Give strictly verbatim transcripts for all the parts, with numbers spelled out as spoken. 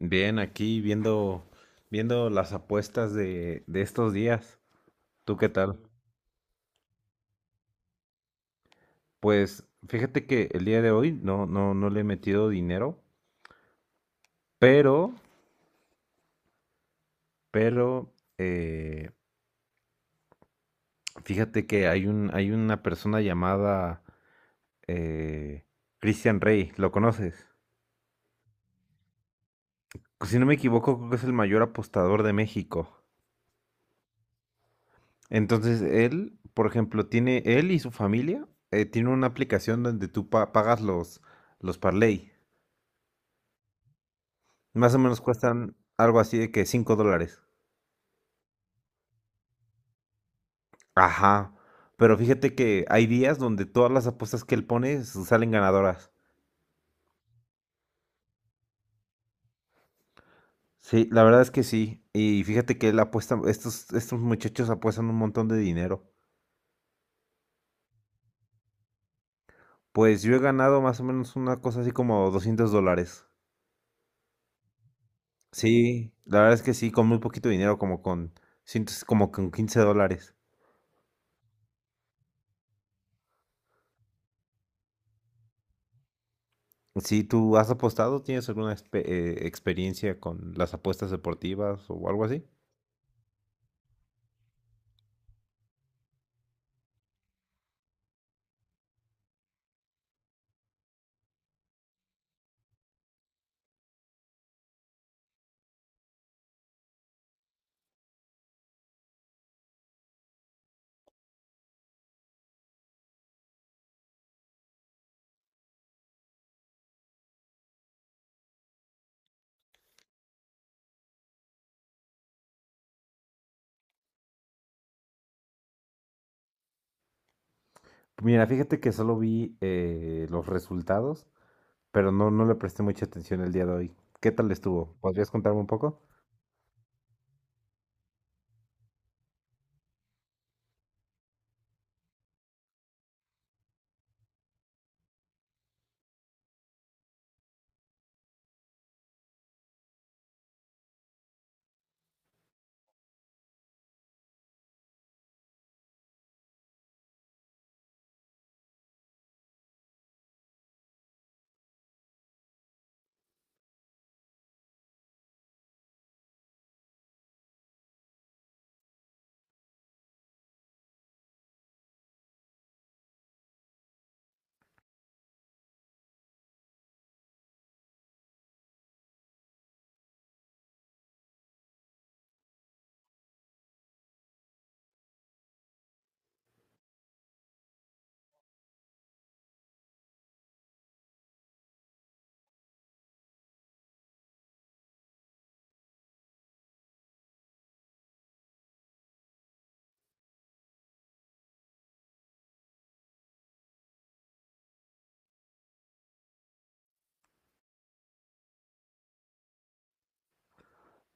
Bien, aquí viendo, viendo las apuestas de, de estos días. ¿Tú qué tal? Pues fíjate que el día de hoy no, no, no le he metido dinero, pero, pero, eh, fíjate que hay un, hay una persona llamada eh, Christian Rey, ¿lo conoces? Pues, si no me equivoco, creo que es el mayor apostador de México. Entonces, él, por ejemplo, tiene, él y su familia, eh, tiene una aplicación donde tú pa- pagas los, los parlay. Más o menos cuestan algo así de que cinco dólares. Ajá. Pero fíjate que hay días donde todas las apuestas que él pone s- salen ganadoras. Sí, la verdad es que sí. Y fíjate que él apuesta, estos, estos muchachos apuestan un montón de dinero. Pues yo he ganado más o menos una cosa así como doscientos dólares. Sí, la verdad es que sí, con muy poquito dinero, como con, ciento- como con quince dólares. Si, ¿tú has apostado? ¿Tienes alguna expe- eh, experiencia con las apuestas deportivas o algo así? Mira, fíjate que solo vi eh, los resultados, pero no, no le presté mucha atención el día de hoy. ¿Qué tal estuvo? ¿Podrías contarme un poco?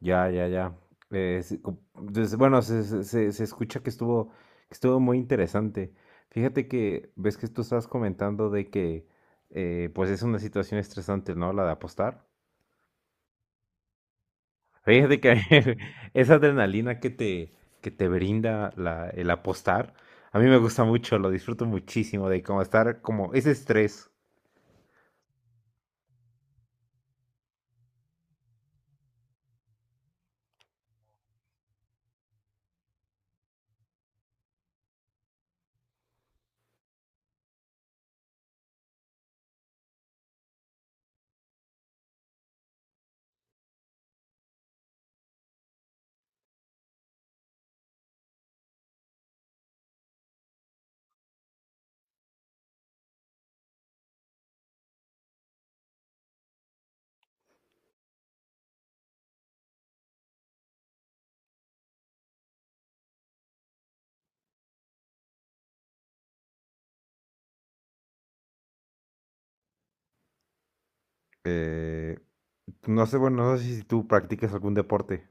Ya, ya, ya. Eh, sí, cu- des- bueno, se, se- se- se escucha que estuvo, que estuvo muy interesante. Fíjate que ves que tú estabas comentando de que eh, pues es una situación estresante, ¿no? La de apostar. Fíjate que esa adrenalina que te, que te brinda la- el apostar, a mí me gusta mucho, lo disfruto muchísimo de como estar como ese estrés. Eh, no sé, bueno, no sé si tú practicas algún deporte,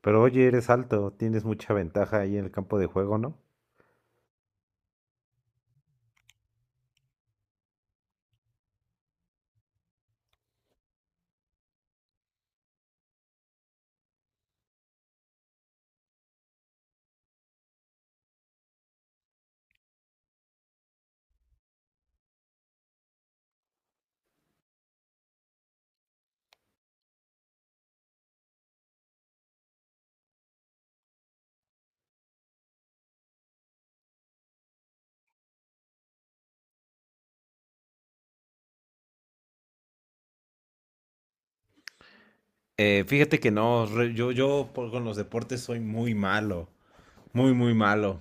pero oye, eres alto, tienes mucha ventaja ahí en el campo de juego, ¿no? Eh, fíjate que no, re- yo, yo por- con los deportes soy muy malo, muy, muy malo.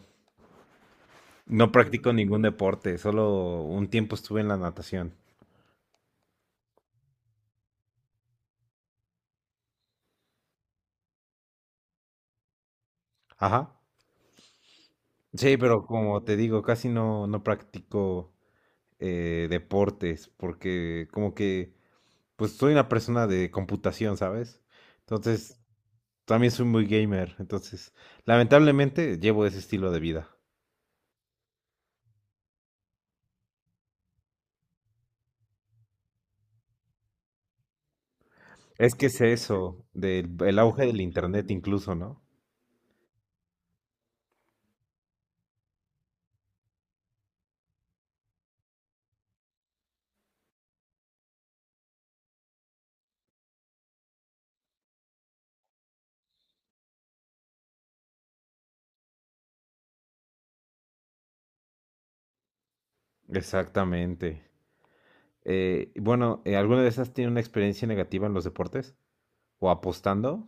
No practico ningún deporte, solo un tiempo estuve en la natación. Ajá. Sí, pero como te digo, casi no, no practico eh, deportes porque como que, pues soy una persona de computación, ¿sabes? Entonces, también soy muy gamer, entonces lamentablemente llevo ese estilo de vida. Es que es eso, del el auge del internet incluso, ¿no? Exactamente. Eh, bueno, eh, ¿alguna de esas tiene una experiencia negativa en los deportes? ¿O apostando?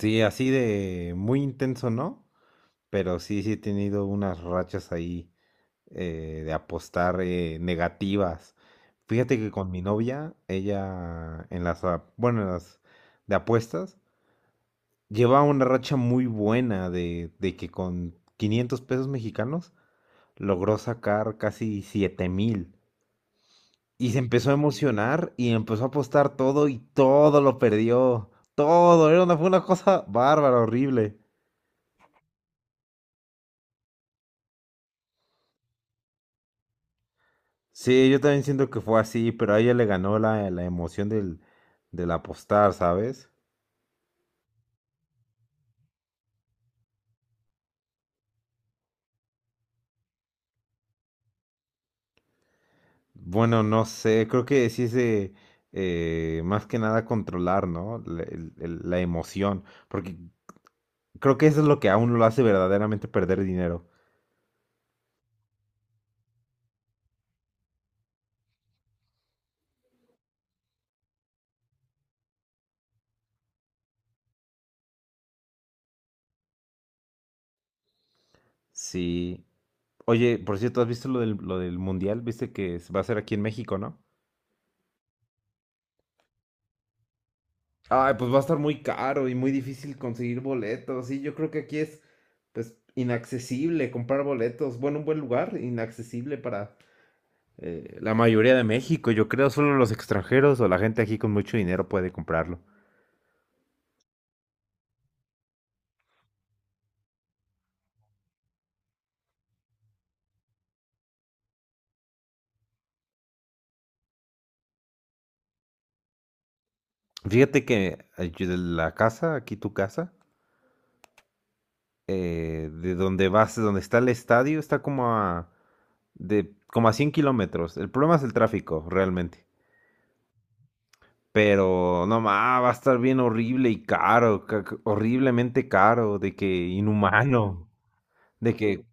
Sí, así de muy intenso, ¿no? Pero sí, sí he tenido unas rachas ahí eh, de apostar eh, negativas. Fíjate que con mi novia, ella en las, a- bueno, en las de apuestas, lleva una racha muy buena de, de que con quinientos pesos mexicanos logró sacar casi siete mil. Y se empezó a emocionar y empezó a apostar todo y todo lo perdió. Todo, era una, fue una cosa bárbara, horrible. Sí, yo también siento que fue así, pero a ella le ganó la, la emoción del, del apostar, ¿sabes? Bueno, no sé, creo que sí es eh, eh, más que nada controlar, ¿no? La, el- el- la emoción, porque creo que eso es lo que aún lo hace verdaderamente perder dinero. Sí. Oye, por cierto, ¿has visto lo del, lo del mundial? ¿Viste que se va a hacer aquí en México, no? Ay, pues va a estar muy caro y muy difícil conseguir boletos. Sí, yo creo que aquí es, pues, inaccesible comprar boletos. Bueno, un buen lugar, inaccesible para eh, la mayoría de México. Yo creo solo los extranjeros o la gente aquí con mucho dinero puede comprarlo. Fíjate que eh, yo de la casa, aquí tu casa, eh, de donde vas, de donde está el estadio, está como a de como a cien kilómetros. El problema es el tráfico, realmente. Pero no más, va a estar bien horrible y caro, ca- ca- horriblemente caro, de que inhumano, de que...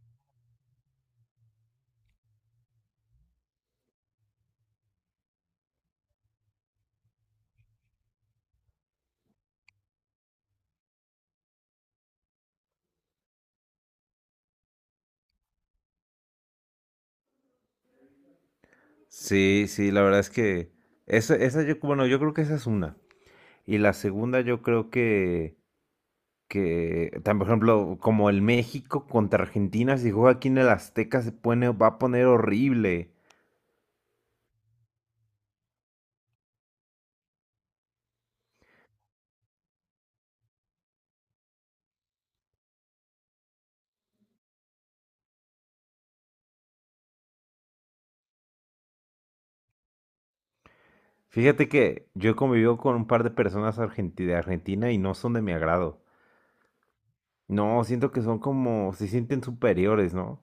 Sí, sí, la verdad es que esa, esa yo, bueno, yo creo que esa es una. Y la segunda yo creo que, que, tan, por ejemplo, como el México contra Argentina, si juega aquí en el Azteca se pone, va a poner horrible. Fíjate que yo he convivido con un par de personas argenti- de Argentina y no son de mi agrado. No, siento que son como, se sienten superiores, ¿no?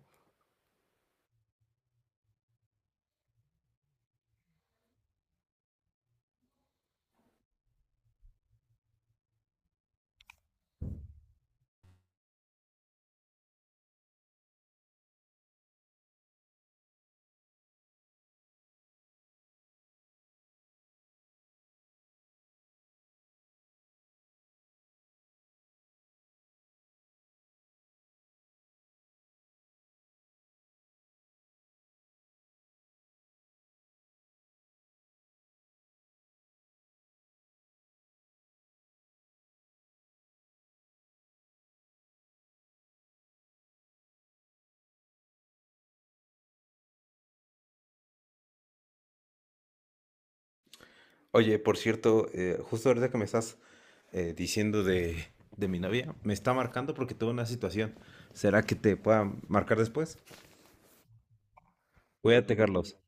Oye, por cierto, eh, justo ahorita que me estás eh, diciendo de, de mi novia, me está marcando porque tuve una situación. ¿Será que te pueda marcar después? Cuídate, Carlos.